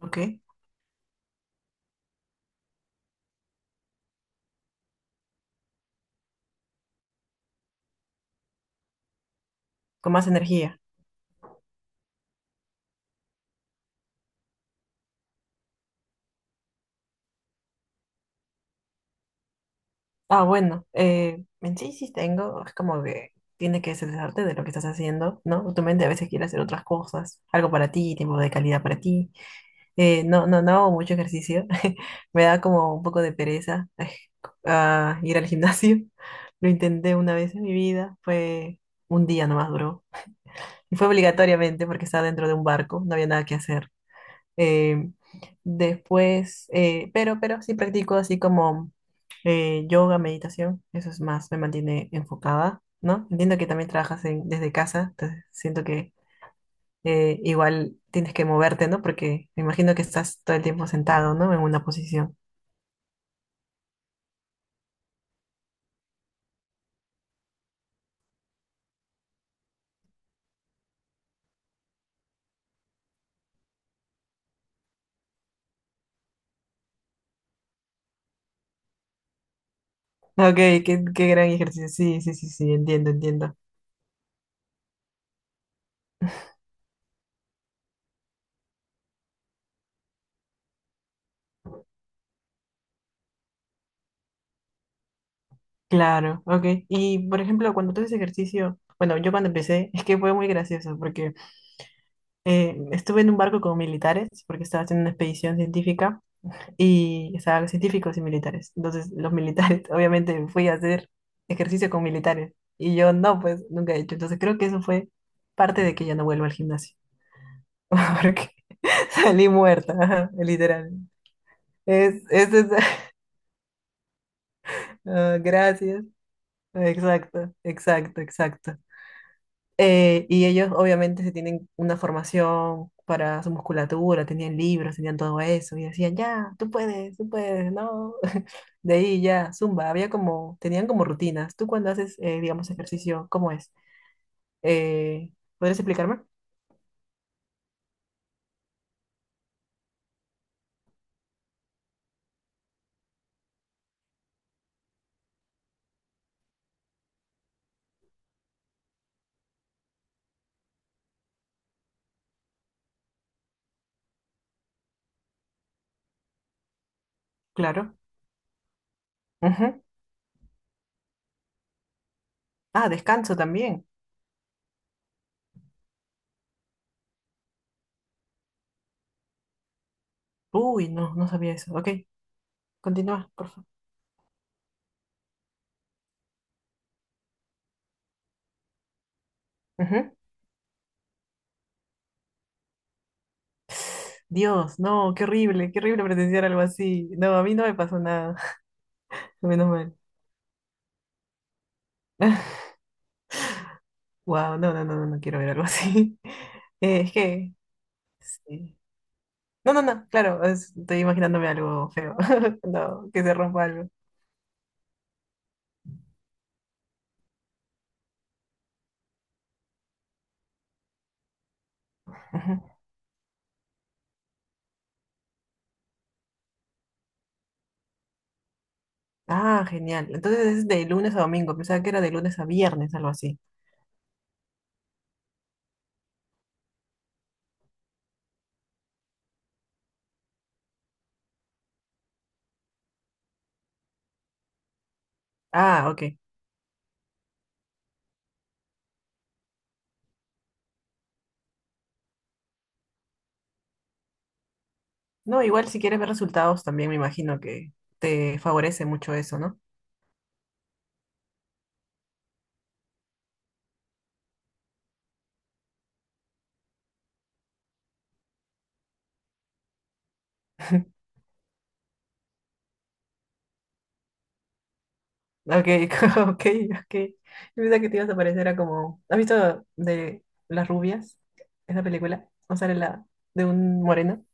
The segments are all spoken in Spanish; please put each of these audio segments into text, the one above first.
Ok. Con más energía. Ah, bueno, en sí sí tengo, es como que tiene que cesarte de lo que estás haciendo, ¿no? Tu mente a veces quiere hacer otras cosas, algo para ti, tiempo de calidad para ti. No hago mucho ejercicio, me da como un poco de pereza ay, ah, ir al gimnasio. Lo intenté una vez en mi vida, fue un día nomás duró. Y fue obligatoriamente porque estaba dentro de un barco, no había nada que hacer. eh, después, pero sí practico así como yoga, meditación, eso es más, me mantiene enfocada, ¿no? Entiendo que también desde casa, entonces siento que igual tienes que moverte, ¿no? Porque me imagino que estás todo el tiempo sentado, ¿no? En una posición. Ok, qué gran ejercicio. Sí, sí, sí, sí, entiendo, entiendo. Claro, ok. Y por ejemplo, cuando tú haces ejercicio, bueno, yo cuando empecé, es que fue muy gracioso porque estuve en un barco con militares porque estaba haciendo una expedición científica y estaban científicos y militares. Entonces, los militares, obviamente, fui a hacer ejercicio con militares y yo no, pues nunca he hecho. Entonces, creo que eso fue parte de que ya no vuelvo al gimnasio porque salí muerta, ajá, literal. Es, es, es- ah, gracias. Exacto, exacto, exacto. Y ellos obviamente se tienen una formación para su musculatura, tenían libros, tenían todo eso, y decían, ya, tú puedes, no. De ahí ya, zumba, había como, tenían como rutinas. Tú cuando haces, digamos, ejercicio, ¿cómo es? Eh, ¿Podrías explicarme? Claro. Ujú. Ah, descanso también. Uy, no, no sabía eso. Ok, continúa, por favor. Ujú. Dios, no, qué horrible presenciar algo así. No, a mí no me pasó nada, menos mal. Wow, no, no, no, no, no quiero ver algo así. Eh, es que, sí. No, no, no, claro, estoy imaginándome algo feo. No, que se rompa algo. Ujú. Ah, genial. Entonces es de lunes a domingo. Pensaba que era de lunes a viernes, algo así. Ah, ok. No, igual si quieres ver resultados también me imagino que te favorece mucho eso, ¿no? Ok, ok, ok. Yo pensaba que te ibas a parecer era como. ¿Has visto de Las Rubias? Esa película. ¿No sale la de un moreno?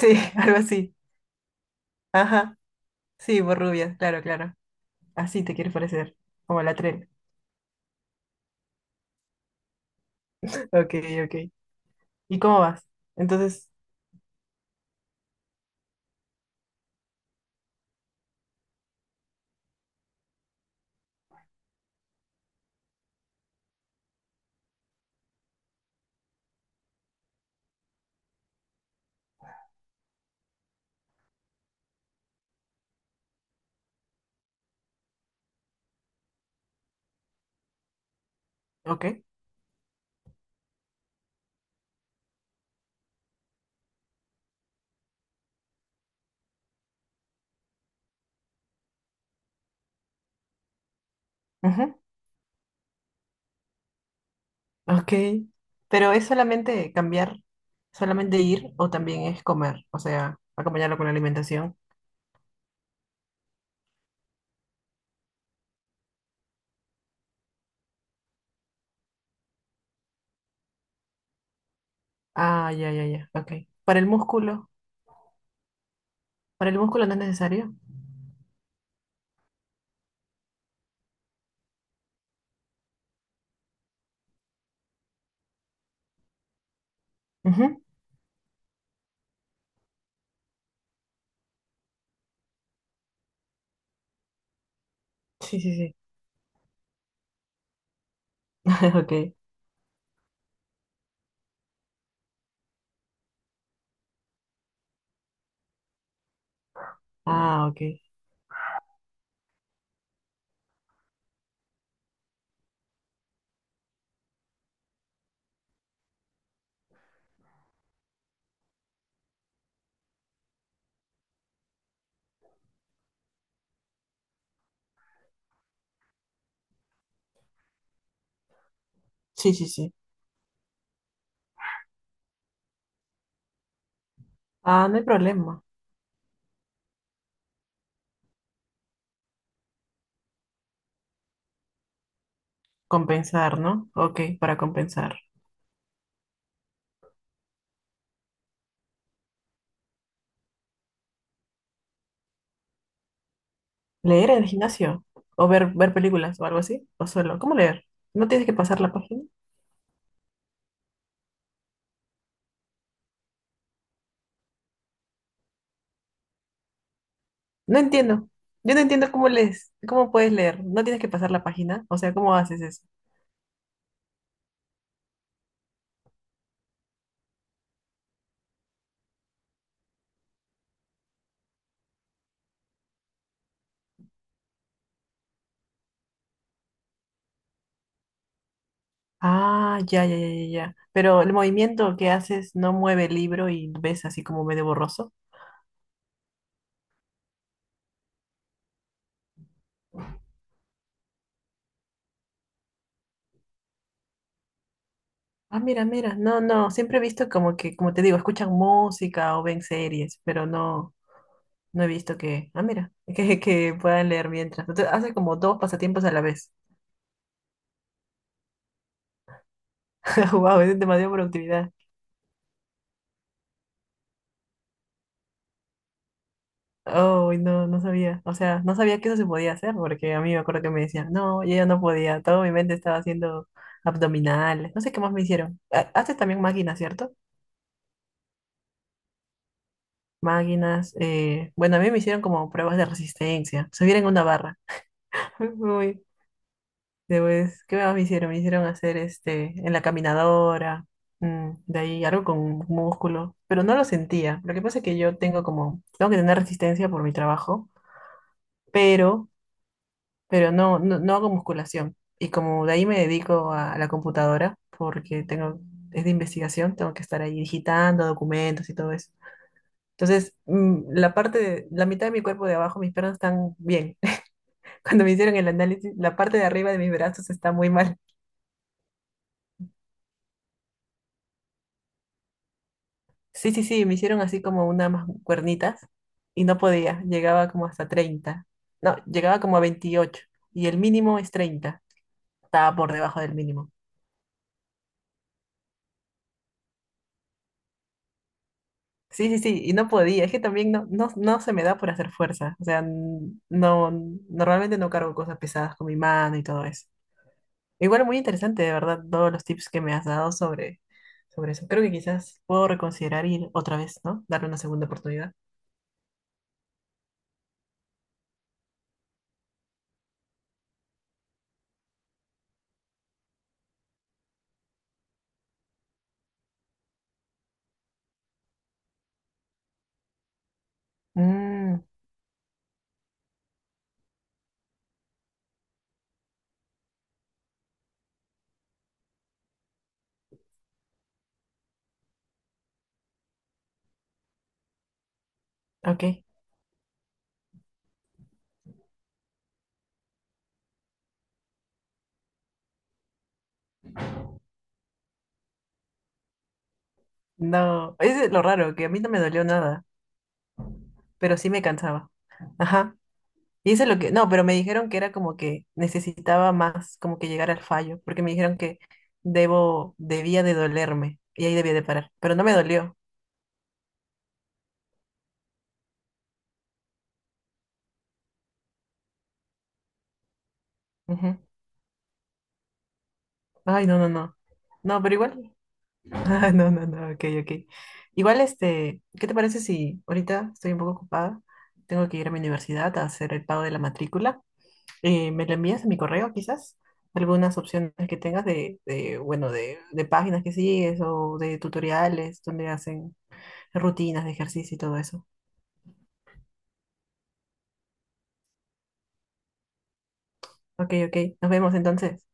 Sí, algo así. Ajá, sí, por rubia, claro, claro. Así te quieres parecer, como la tren. Ok, ok. ¿Y cómo vas? Entonces, ok. Ujú, ok. Pero es solamente cambiar, solamente ir o también es comer, o sea, acompañarlo con la alimentación. Ah, ya, ya, ya, ok. Para el músculo, para el músculo no es necesario. Ujú, sí, sí, sí. Ok. Ah, ok. Sí, sí, sí. Ah, no hay problema. Compensar, ¿no? Ok, para compensar. ¿Leer en el gimnasio? ¿O ver, ver películas o algo así? ¿O solo? ¿Cómo leer? ¿No tienes que pasar la página? No entiendo. Yo no entiendo cómo lees, cómo puedes leer. ¿No tienes que pasar la página? O sea, ¿cómo haces eso? Ah, ya, ya, ya, ya, ya. Pero el movimiento que haces no mueve el libro y ves así como medio borroso. Ah, mira, mira. No, no. Siempre he visto como que, como te digo, escuchan música o ven series, pero no, no he visto que, ah, mira, que puedan leer mientras. Entonces, hace como dos pasatiempos a la vez. Wow, es demasiada productividad. Oh, no, no sabía. O sea, no sabía que eso se podía hacer, porque a mí me acuerdo que me decían, no, yo ya no podía. Todo mi mente estaba haciendo abdominales. No sé qué más me hicieron. Haces también máquinas, ¿cierto? Máquinas. Bueno, a mí me hicieron como pruebas de resistencia. Subir en una barra. Uy, después, ¿qué más me hicieron? Me hicieron hacer este, en la caminadora. De ahí algo con músculo. Pero no lo sentía. Lo que pasa es que yo tengo como, tengo que tener resistencia por mi trabajo. Pero no, no hago musculación. Y como de ahí me dedico a la computadora, porque tengo, es de investigación, tengo que estar ahí digitando documentos y todo eso. Entonces, la mitad de mi cuerpo de abajo, mis piernas están bien. Cuando me hicieron el análisis, la parte de arriba de mis brazos está muy mal. Sí, sí, sí, me hicieron así como cuernitas y no podía, llegaba como hasta 30. No, llegaba como a 28, y el mínimo es 30. Estaba por debajo del mínimo. Sí, sí, sí, y no podía, es que también no, no, se me da por hacer fuerza, o sea, n- no, normalmente no cargo cosas pesadas con mi mano y todo eso. Igual muy interesante, de verdad, todos los tips que me has dado sobre, sobre eso. Creo que quizás puedo reconsiderar ir otra vez, ¿no? Darle una segunda oportunidad. Mm, ok, no, es lo raro, que a mí no me dolió nada, pero sí me cansaba. Ajá. Y eso es lo que, no, pero me dijeron que era como que necesitaba más, como que llegar al fallo, porque me dijeron que debía de dolerme y ahí debía de parar, pero no me dolió. Ujú. Ay, no, no, no. No, pero igual. Ah, no, no, no, ok, ok. Igual, este, ¿qué te parece si ahorita estoy un poco ocupada? Tengo que ir a mi universidad a hacer el pago de la matrícula. ¿Me lo envías a mi correo quizás? Algunas opciones que tengas de, bueno, de páginas que sigues o de tutoriales donde hacen rutinas de ejercicio y todo eso. Ok, ok. Nos vemos entonces.